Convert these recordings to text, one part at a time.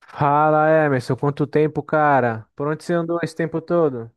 Fala, Emerson, quanto tempo, cara? Por onde você andou esse tempo todo?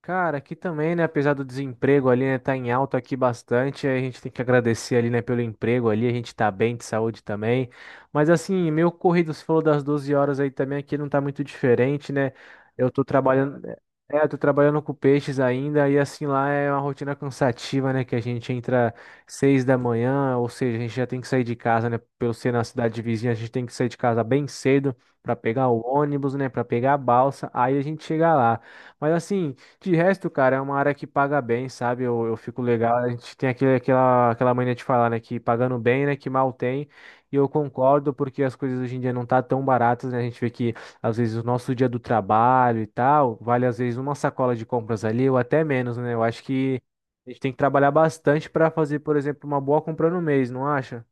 Cara, aqui também, né? Apesar do desemprego ali, né? Tá em alta aqui bastante. A gente tem que agradecer ali, né? Pelo emprego ali. A gente tá bem de saúde também. Mas assim, meu corrido, você falou das 12 horas aí também. Aqui não tá muito diferente, né? Eu tô trabalhando. Eu tô trabalhando com peixes ainda. E assim, lá é uma rotina cansativa, né? Que a gente entra 6 da manhã. Ou seja, a gente já tem que sair de casa, né? Pelo ser na cidade vizinha, a gente tem que sair de casa bem cedo para pegar o ônibus, né? Para pegar a balsa. Aí a gente chega lá. Mas assim. De resto, cara, é uma área que paga bem, sabe? Eu fico legal. A gente tem aquela mania de falar, né? Que pagando bem, né? Que mal tem. E eu concordo, porque as coisas hoje em dia não tá tão baratas, né? A gente vê que, às vezes, o nosso dia do trabalho e tal, vale, às vezes, uma sacola de compras ali, ou até menos, né? Eu acho que a gente tem que trabalhar bastante para fazer, por exemplo, uma boa compra no mês, não acha?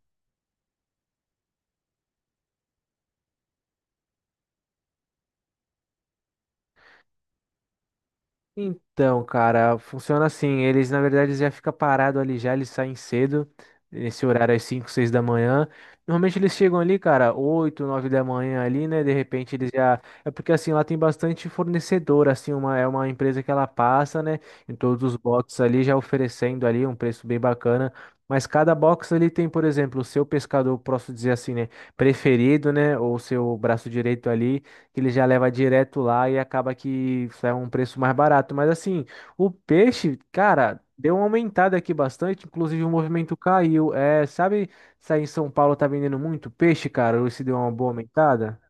Então, cara, funciona assim. Eles, na verdade, eles já ficam parados ali já, eles saem cedo, nesse horário às 5 6 da manhã. Normalmente eles chegam ali, cara, 8 9 da manhã ali, né? De repente eles já. É porque assim, lá tem bastante fornecedor, assim, é uma empresa que ela passa, né? Em todos os boxes ali, já oferecendo ali um preço bem bacana. Mas cada box ali tem, por exemplo, o seu pescador, posso dizer assim, né? Preferido, né? Ou o seu braço direito ali que ele já leva direto lá e acaba que sai um preço mais barato. Mas assim, o peixe, cara, deu uma aumentada aqui bastante, inclusive o movimento caiu. É, sabe, se aí em São Paulo tá vendendo muito peixe, cara, ou se deu uma boa aumentada?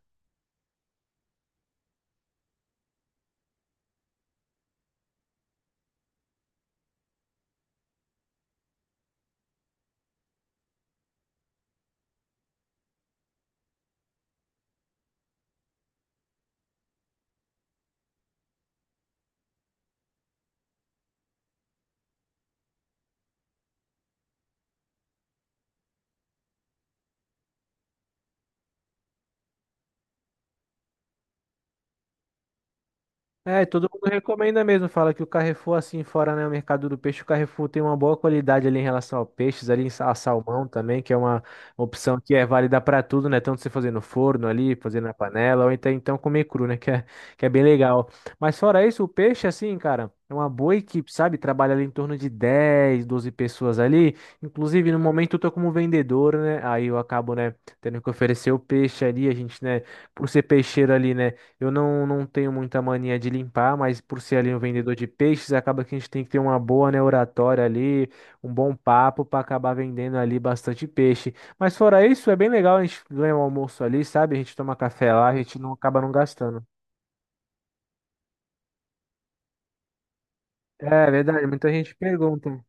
É, e todo mundo recomenda mesmo, fala que o Carrefour, assim, fora, né, o mercado do peixe, o Carrefour tem uma boa qualidade ali em relação ao peixes, ali em a salmão também, que é uma opção que é válida para tudo, né, tanto você fazer no forno ali, fazer na panela, ou então comer cru, né, que é bem legal. Mas fora isso, o peixe, assim, cara, é uma boa equipe, sabe, trabalha ali em torno de 10, 12 pessoas ali, inclusive no momento eu tô como vendedor, né, aí eu acabo, né, tendo que oferecer o peixe ali, a gente, né, por ser peixeiro ali, né? Eu não, não tenho muita mania de limpar, mas por ser ali um vendedor de peixes, acaba que a gente tem que ter uma boa, né, oratória ali, um bom papo para acabar vendendo ali bastante peixe. Mas fora isso, é bem legal a gente ganhar um almoço ali, sabe? A gente toma café lá, a gente não acaba não gastando. É verdade, muita gente pergunta.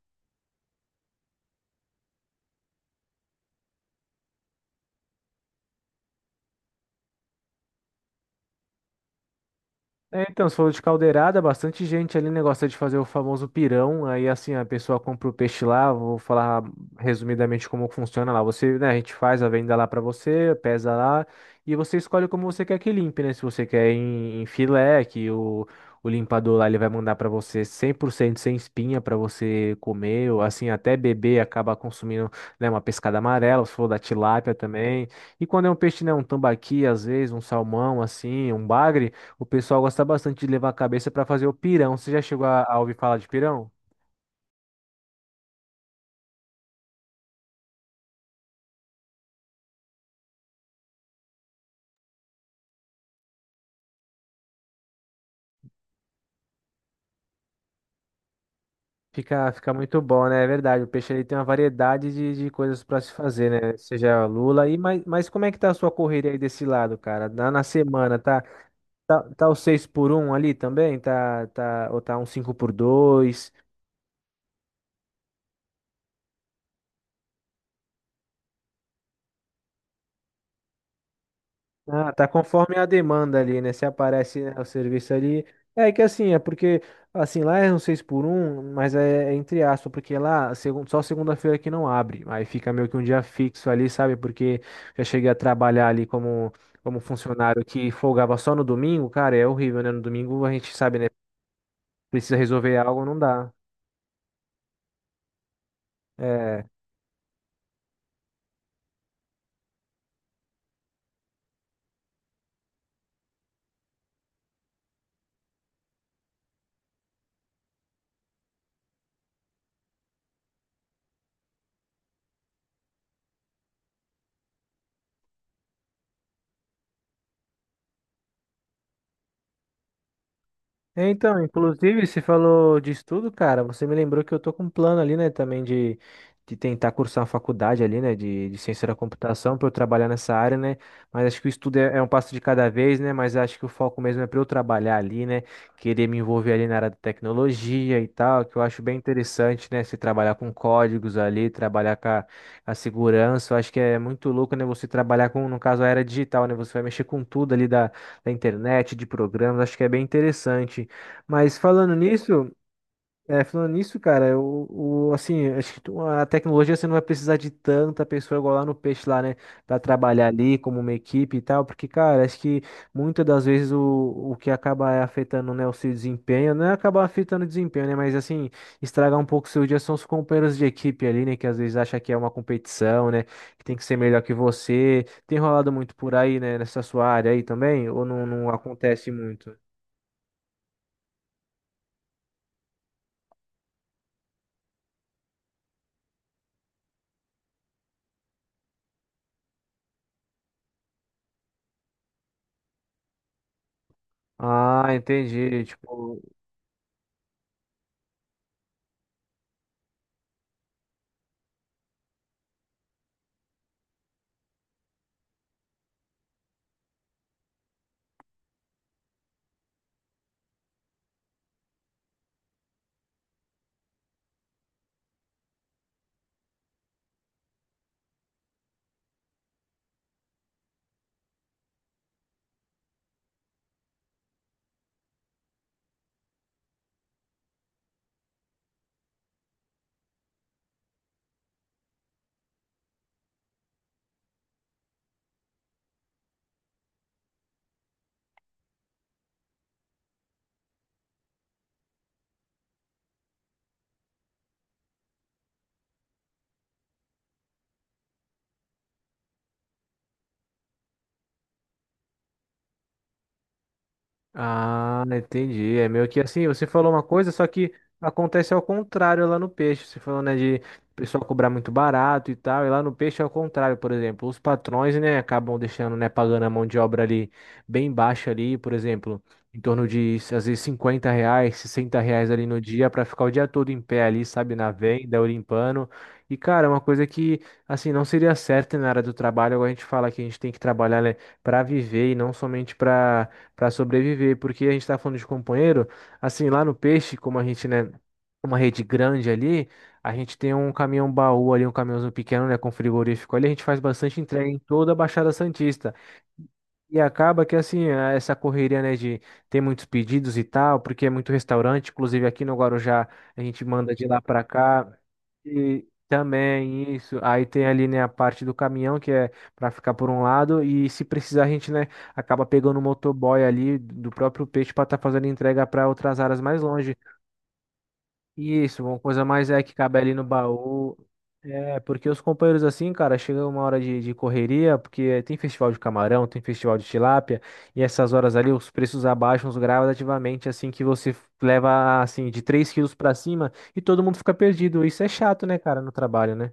É, então, você falou de caldeirada, bastante gente ali, né, gosta de fazer o famoso pirão. Aí, assim, a pessoa compra o peixe lá, vou falar resumidamente como funciona lá. Você, né, a gente faz a venda lá para você, pesa lá, e você escolhe como você quer que limpe, né? Se você quer em filé, que o limpador lá ele vai mandar para você 100% sem espinha para você comer, ou assim, até beber, acaba consumindo, né, uma pescada amarela, se for da tilápia também. E quando é um peixe, né, um tambaqui, às vezes, um salmão, assim, um bagre. O pessoal gosta bastante de levar a cabeça para fazer o pirão. Você já chegou a ouvir falar de pirão? Fica muito bom, né? É verdade. O peixe ele tem uma variedade de coisas para se fazer, né? Seja lula mas como é que tá a sua correria aí desse lado, cara? Na semana, tá o 6 por um ali também? Tá, ou tá um 5 por 2? Ah, tá conforme a demanda ali, né? Se aparece, né, o serviço ali. É que assim, é porque, assim, lá é um 6 por 1, mas é entre aspas, porque lá só segunda-feira que não abre. Aí fica meio que um dia fixo ali, sabe? Porque já cheguei a trabalhar ali como funcionário que folgava só no domingo, cara, é horrível, né? No domingo a gente sabe, né? Precisa resolver algo, não dá. É, é, então, inclusive, você falou de estudo, cara. Você me lembrou que eu tô com um plano ali, né, também de tentar cursar uma faculdade ali, né, de ciência da computação para eu trabalhar nessa área, né. Mas acho que o estudo é um passo de cada vez, né. Mas acho que o foco mesmo é para eu trabalhar ali, né, querer me envolver ali na área da tecnologia e tal, que eu acho bem interessante, né, se trabalhar com códigos ali, trabalhar com a segurança. Eu acho que é muito louco, né, você trabalhar com, no caso, a era digital, né. Você vai mexer com tudo ali da internet, de programas, acho que é bem interessante. Mas falando nisso, cara, assim, acho que a tecnologia você não vai precisar de tanta pessoa igual lá no peixe lá, né, pra trabalhar ali como uma equipe e tal, porque, cara, acho que muitas das vezes o que acaba afetando, né, o seu desempenho, não é acabar afetando o desempenho, né, mas assim, estragar um pouco o seu dia são os companheiros de equipe ali, né, que às vezes acha que é uma competição, né, que tem que ser melhor que você. Tem rolado muito por aí, né, nessa sua área aí também, ou não, não acontece muito? Ah, entendi. Tipo. Ah, entendi. É meio que assim, você falou uma coisa, só que acontece ao contrário lá no peixe. Você falou, né, de o pessoal cobrar muito barato e tal, e lá no peixe é ao contrário, por exemplo. Os patrões, né, acabam deixando, né, pagando a mão de obra ali bem baixa ali, por exemplo, em torno de, às vezes, R$ 50, R$ 60 ali no dia para ficar o dia todo em pé ali, sabe, na venda ou limpando. E, cara, é uma coisa que, assim, não seria certa na área do trabalho. Agora a gente fala que a gente tem que trabalhar, né, para viver e não somente para sobreviver, porque a gente está falando de companheiro, assim, lá no peixe, como a gente, né, uma rede grande ali, a gente tem um caminhão baú ali, um caminhãozinho pequeno, né, com frigorífico ali, a gente faz bastante entrega em toda a Baixada Santista. E acaba que assim, essa correria, né, de ter muitos pedidos e tal, porque é muito restaurante, inclusive aqui no Guarujá a gente manda de lá para cá. E também isso, aí tem ali, né, a parte do caminhão que é para ficar por um lado e se precisar a gente, né, acaba pegando o motoboy ali do próprio peixe para estar fazendo entrega para outras áreas mais longe. E isso, uma coisa mais é que cabe ali no baú. É, porque os companheiros assim, cara, chega uma hora de correria, porque tem festival de camarão, tem festival de tilápia, e essas horas ali os preços abaixam os gradativamente, assim que você leva, assim, de 3 quilos para cima e todo mundo fica perdido. Isso é chato, né, cara, no trabalho, né?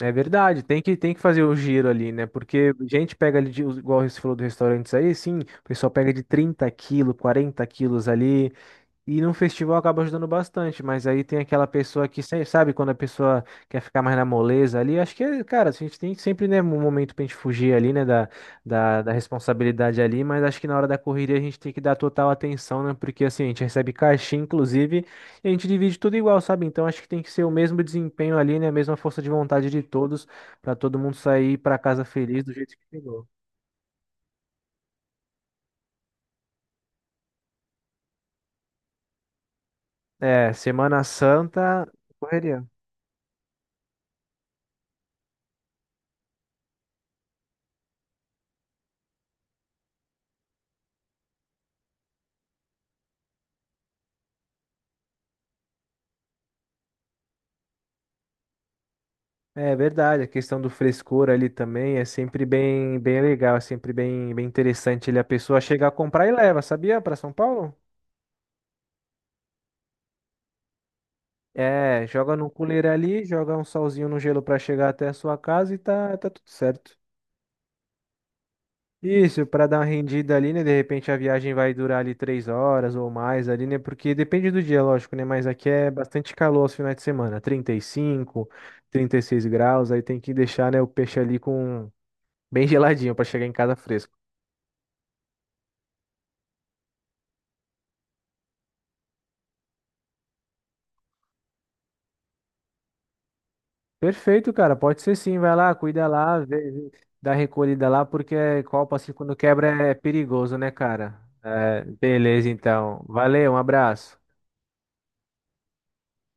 É verdade, tem que fazer o giro ali, né? Porque gente pega ali, de, igual você falou do restaurantes aí, sim, o pessoal pega de 30 quilos, 40 quilos ali. E num festival acaba ajudando bastante, mas aí tem aquela pessoa que, sabe, quando a pessoa quer ficar mais na moleza ali, acho que, cara, a gente tem sempre, né, um momento pra gente fugir ali, né, da responsabilidade ali, mas acho que na hora da correria a gente tem que dar total atenção, né, porque assim, a gente recebe caixinha, inclusive, e a gente divide tudo igual, sabe? Então acho que tem que ser o mesmo desempenho ali, né, a mesma força de vontade de todos, pra todo mundo sair pra casa feliz do jeito que chegou. É, Semana Santa, correria. É verdade, a questão do frescor ali também é sempre bem, bem legal, é sempre bem, bem interessante ali a pessoa chegar a comprar e leva, sabia? Para São Paulo? É, joga no cooler ali, joga um salzinho no gelo para chegar até a sua casa e tá tudo certo. Isso, para dar uma rendida ali, né? De repente a viagem vai durar ali 3 horas ou mais ali, né? Porque depende do dia, lógico, né? Mas aqui é bastante calor aos finais de semana, 30 35, 36 graus, aí tem que deixar, né, o peixe ali com bem geladinho para chegar em casa fresco. Perfeito, cara. Pode ser sim. Vai lá, cuida lá, vê, dá recolhida lá, porque copo assim quando quebra é perigoso, né, cara? É, beleza, então. Valeu, um abraço.